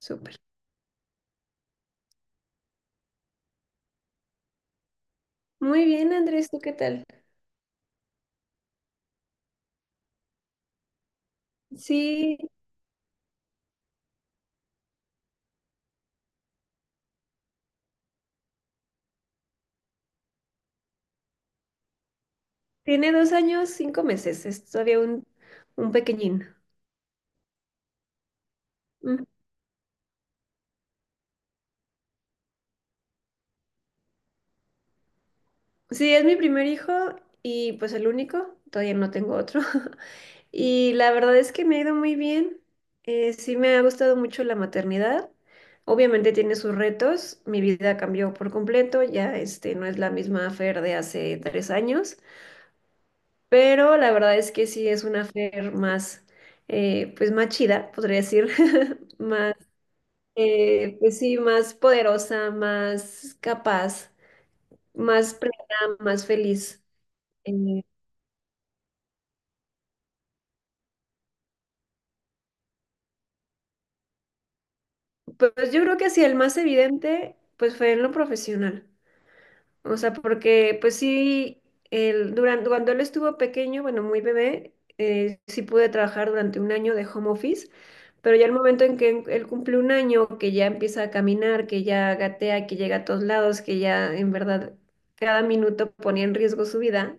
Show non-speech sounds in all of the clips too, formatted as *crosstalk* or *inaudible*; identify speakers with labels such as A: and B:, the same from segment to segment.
A: Súper. Muy bien, Andrés, ¿tú qué tal? Sí, tiene 2 años, 5 meses, es todavía un pequeñín. Mm. Sí, es mi primer hijo y pues el único, todavía no tengo otro. *laughs* Y la verdad es que me ha ido muy bien. Sí, me ha gustado mucho la maternidad. Obviamente tiene sus retos, mi vida cambió por completo, ya no es la misma Fer de hace 3 años. Pero la verdad es que sí es una fer más, pues más chida, podría decir, *laughs* más, pues sí, más poderosa, más capaz, más plena, más feliz. Eh, pues yo creo que sí, el más evidente, pues fue en lo profesional. O sea, porque pues sí, durante, cuando él estuvo pequeño, bueno, muy bebé, sí pude trabajar durante un año de home office, pero ya el momento en que él cumple un año, que ya empieza a caminar, que ya gatea, que llega a todos lados, que ya en verdad cada minuto ponía en riesgo su vida,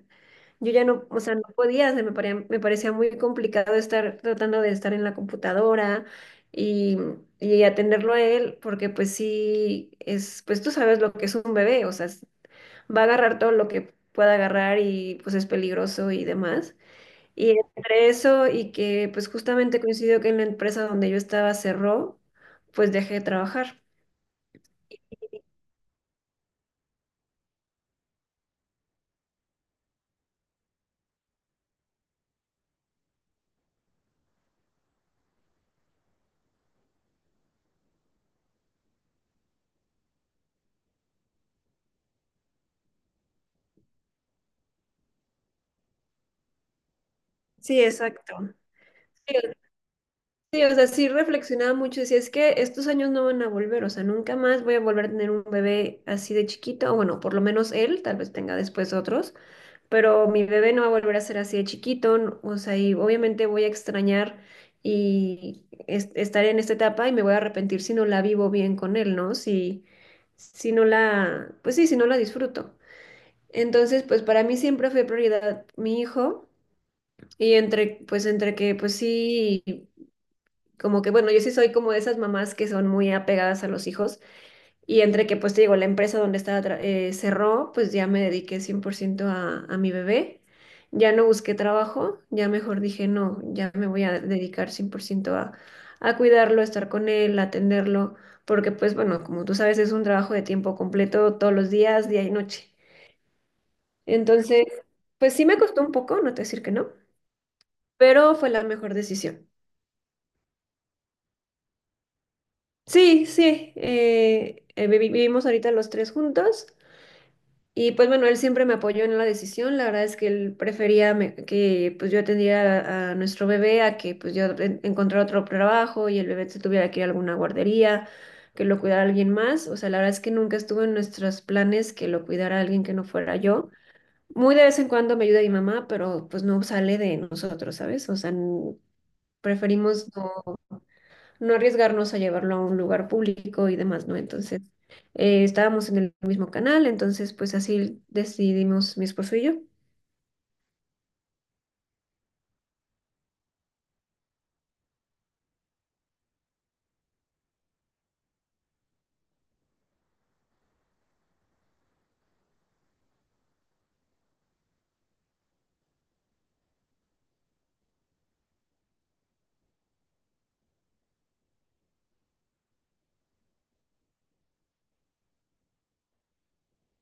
A: yo ya no, o sea, no podía, se me parecía muy complicado estar tratando de estar en la computadora y y atenderlo a él, porque pues sí, pues tú sabes lo que es un bebé, o sea, va a agarrar todo lo que pueda agarrar y pues es peligroso y demás. Y entre eso y que pues justamente coincidió que en la empresa donde yo estaba cerró, pues dejé de trabajar. Sí, exacto. Sí, o sea, sí reflexionaba mucho, decía, es que estos años no van a volver, o sea, nunca más voy a volver a tener un bebé así de chiquito, o bueno, por lo menos él, tal vez tenga después otros, pero mi bebé no va a volver a ser así de chiquito, o sea, y obviamente voy a extrañar y estar en esta etapa y me voy a arrepentir si no la vivo bien con él, ¿no? Si, si no la, pues sí, si no la disfruto. Entonces, pues para mí siempre fue prioridad mi hijo y entre que, pues sí. Como que, bueno, yo sí soy como de esas mamás que son muy apegadas a los hijos y entre que, pues te digo, la empresa donde estaba cerró, pues ya me dediqué 100% a mi bebé. Ya no busqué trabajo, ya mejor dije, no, ya me voy a dedicar 100% a cuidarlo, a estar con él, a atenderlo, porque pues bueno, como tú sabes, es un trabajo de tiempo completo todos los días, día y noche. Entonces, pues sí me costó un poco, no te voy a decir que no, pero fue la mejor decisión. Sí, sí, vivimos ahorita los tres juntos y pues bueno, él siempre me apoyó en la decisión, la verdad es que él prefería que pues yo atendiera a nuestro bebé a que pues yo encontrara otro trabajo y el bebé se tuviera que ir a alguna guardería, que lo cuidara alguien más, o sea, la verdad es que nunca estuvo en nuestros planes que lo cuidara alguien que no fuera yo. Muy de vez en cuando me ayuda mi mamá, pero pues no sale de nosotros, ¿sabes? O sea, preferimos no arriesgarnos a llevarlo a un lugar público y demás, ¿no? Entonces, estábamos en el mismo canal, entonces pues así decidimos mi esposo y yo.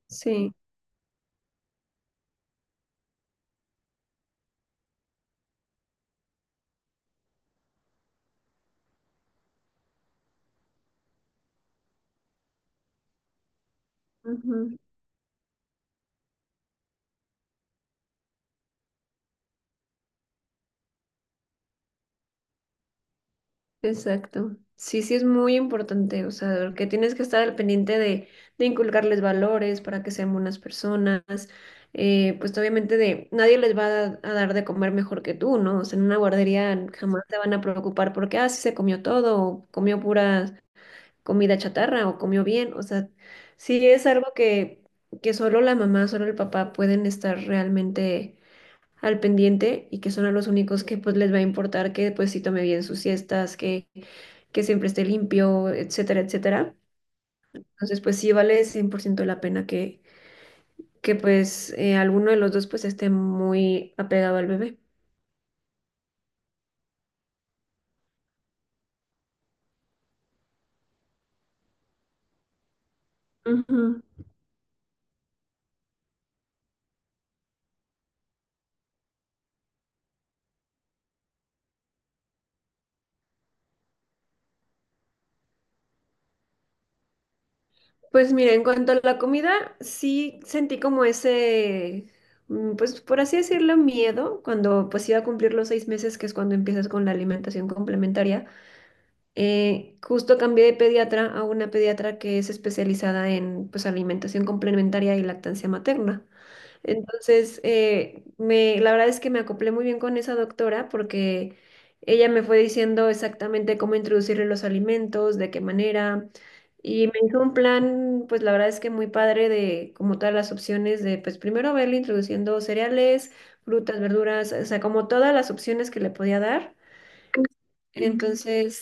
A: Sí, ujú, exacto. Sí, sí es muy importante, o sea, que tienes que estar al pendiente de inculcarles valores para que sean buenas personas, pues obviamente de nadie les va a dar de comer mejor que tú, ¿no? O sea, en una guardería jamás te van a preocupar porque, ah, sí se comió todo, o comió puras comida chatarra o comió bien. O sea, sí es algo que solo la mamá, solo el papá pueden estar realmente al pendiente y que son a los únicos que pues les va a importar que pues sí tome bien sus siestas, que siempre esté limpio, etcétera, etcétera. Entonces pues sí vale 100% la pena que pues alguno de los dos pues esté muy apegado al bebé. Ujú. Pues mira, en cuanto a la comida, sí sentí como ese, pues por así decirlo, miedo cuando pues iba a cumplir los 6 meses, que es cuando empiezas con la alimentación complementaria. Justo cambié de pediatra a una pediatra que es especializada en pues alimentación complementaria y lactancia materna. Entonces, la verdad es que me acoplé muy bien con esa doctora porque ella me fue diciendo exactamente cómo introducirle los alimentos, de qué manera, y me hizo un plan, pues la verdad es que muy padre de como todas las opciones de, pues primero verle introduciendo cereales, frutas, verduras, o sea, como todas las opciones que le podía dar. Ujú. Entonces,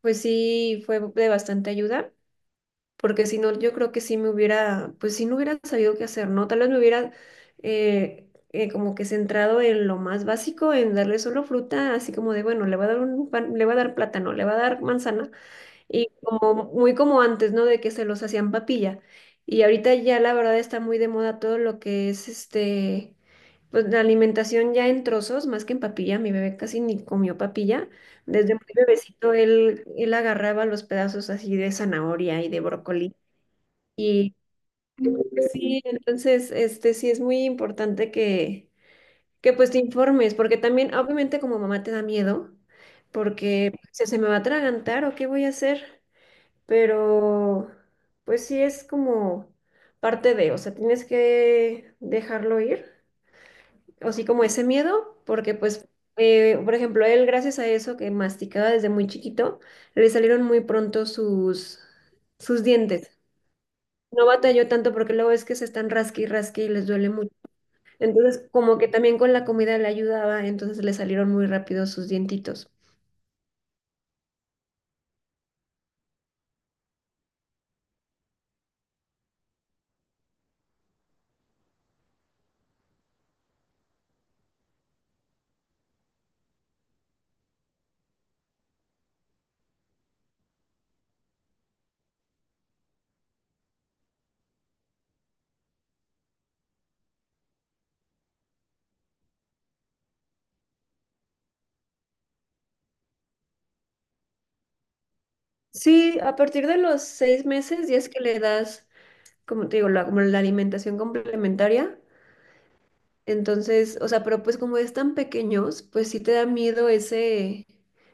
A: pues sí, fue de bastante ayuda porque si no, yo creo que sí me hubiera, pues sí no hubiera sabido qué hacer, ¿no? Tal vez me hubiera como que centrado en lo más básico, en darle solo fruta, así como de, bueno, le va a dar le va a dar plátano, le va a dar manzana, y como muy como antes, ¿no? De que se los hacían papilla. Y ahorita ya la verdad está muy de moda todo lo que es pues la alimentación ya en trozos, más que en papilla, mi bebé casi ni comió papilla. Desde muy bebecito él agarraba los pedazos así de zanahoria y de brócoli y sí, entonces, sí es muy importante que pues te informes, porque también obviamente como mamá te da miedo, porque se me va a atragantar o qué voy a hacer, pero pues sí es como parte de, o sea, tienes que dejarlo ir, o sí como ese miedo, porque pues, por ejemplo, él gracias a eso que masticaba desde muy chiquito, le salieron muy pronto sus dientes. No batalló tanto porque luego es que se están rasqui y rasqui y les duele mucho. Entonces, como que también con la comida le ayudaba, entonces le salieron muy rápido sus dientitos. Sí, a partir de los 6 meses ya es que le das, como te digo, la alimentación complementaria. Entonces, o sea, pero pues como es tan pequeños, pues sí te da miedo ese,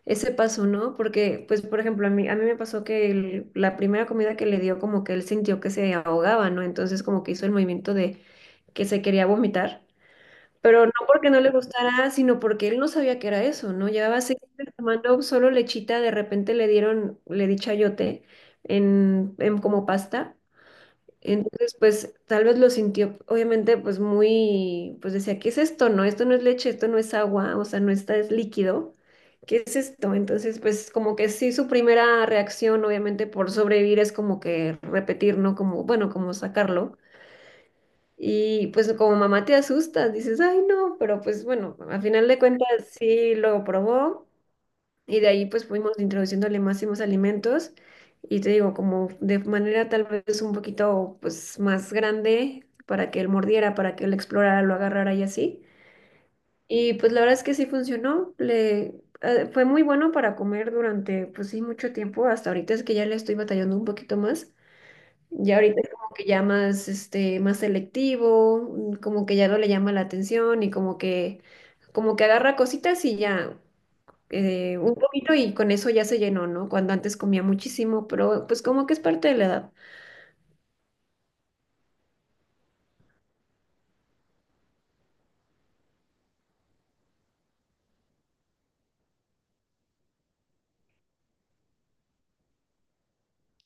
A: ese paso, ¿no? Porque, pues, por ejemplo, a mí me pasó que la primera comida que le dio, como que él sintió que se ahogaba, ¿no? Entonces, como que hizo el movimiento de que se quería vomitar. Pero no porque no le gustara, sino porque él no sabía que era eso, ¿no? Llevaba 6 meses tomando solo lechita, de repente le di chayote en como pasta. Entonces, pues tal vez lo sintió, obviamente, pues muy, pues decía, ¿qué es esto? No, esto no es leche, esto no es agua, o sea, no está, es líquido. ¿Qué es esto? Entonces, pues como que sí, su primera reacción, obviamente, por sobrevivir es como que repetir, ¿no? Como, bueno, como sacarlo. Y pues como mamá te asustas, dices, ay no, pero pues bueno, al final de cuentas sí lo probó y de ahí pues fuimos introduciéndole más y más alimentos y te digo, como de manera tal vez un poquito pues más grande para que él mordiera, para que él explorara, lo agarrara y así. Y pues la verdad es que sí funcionó, le fue muy bueno para comer durante pues sí mucho tiempo, hasta ahorita es que ya le estoy batallando un poquito más. Ya ahorita es como que ya más, más selectivo, como que ya no le llama la atención y como que agarra cositas y ya un poquito y con eso ya se llenó, ¿no? Cuando antes comía muchísimo, pero pues como que es parte de la edad.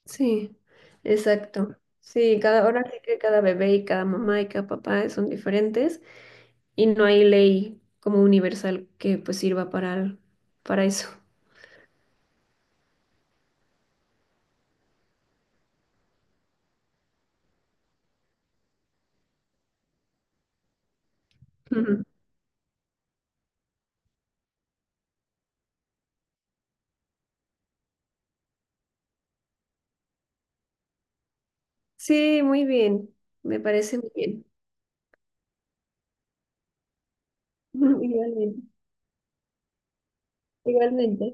A: Sí, exacto. Sí, ahora sí que cada bebé y cada mamá y cada papá son diferentes y no hay ley como universal que pues sirva para eso. Ujú. Sí, muy bien. Me parece muy bien. *laughs* Igualmente. Igualmente.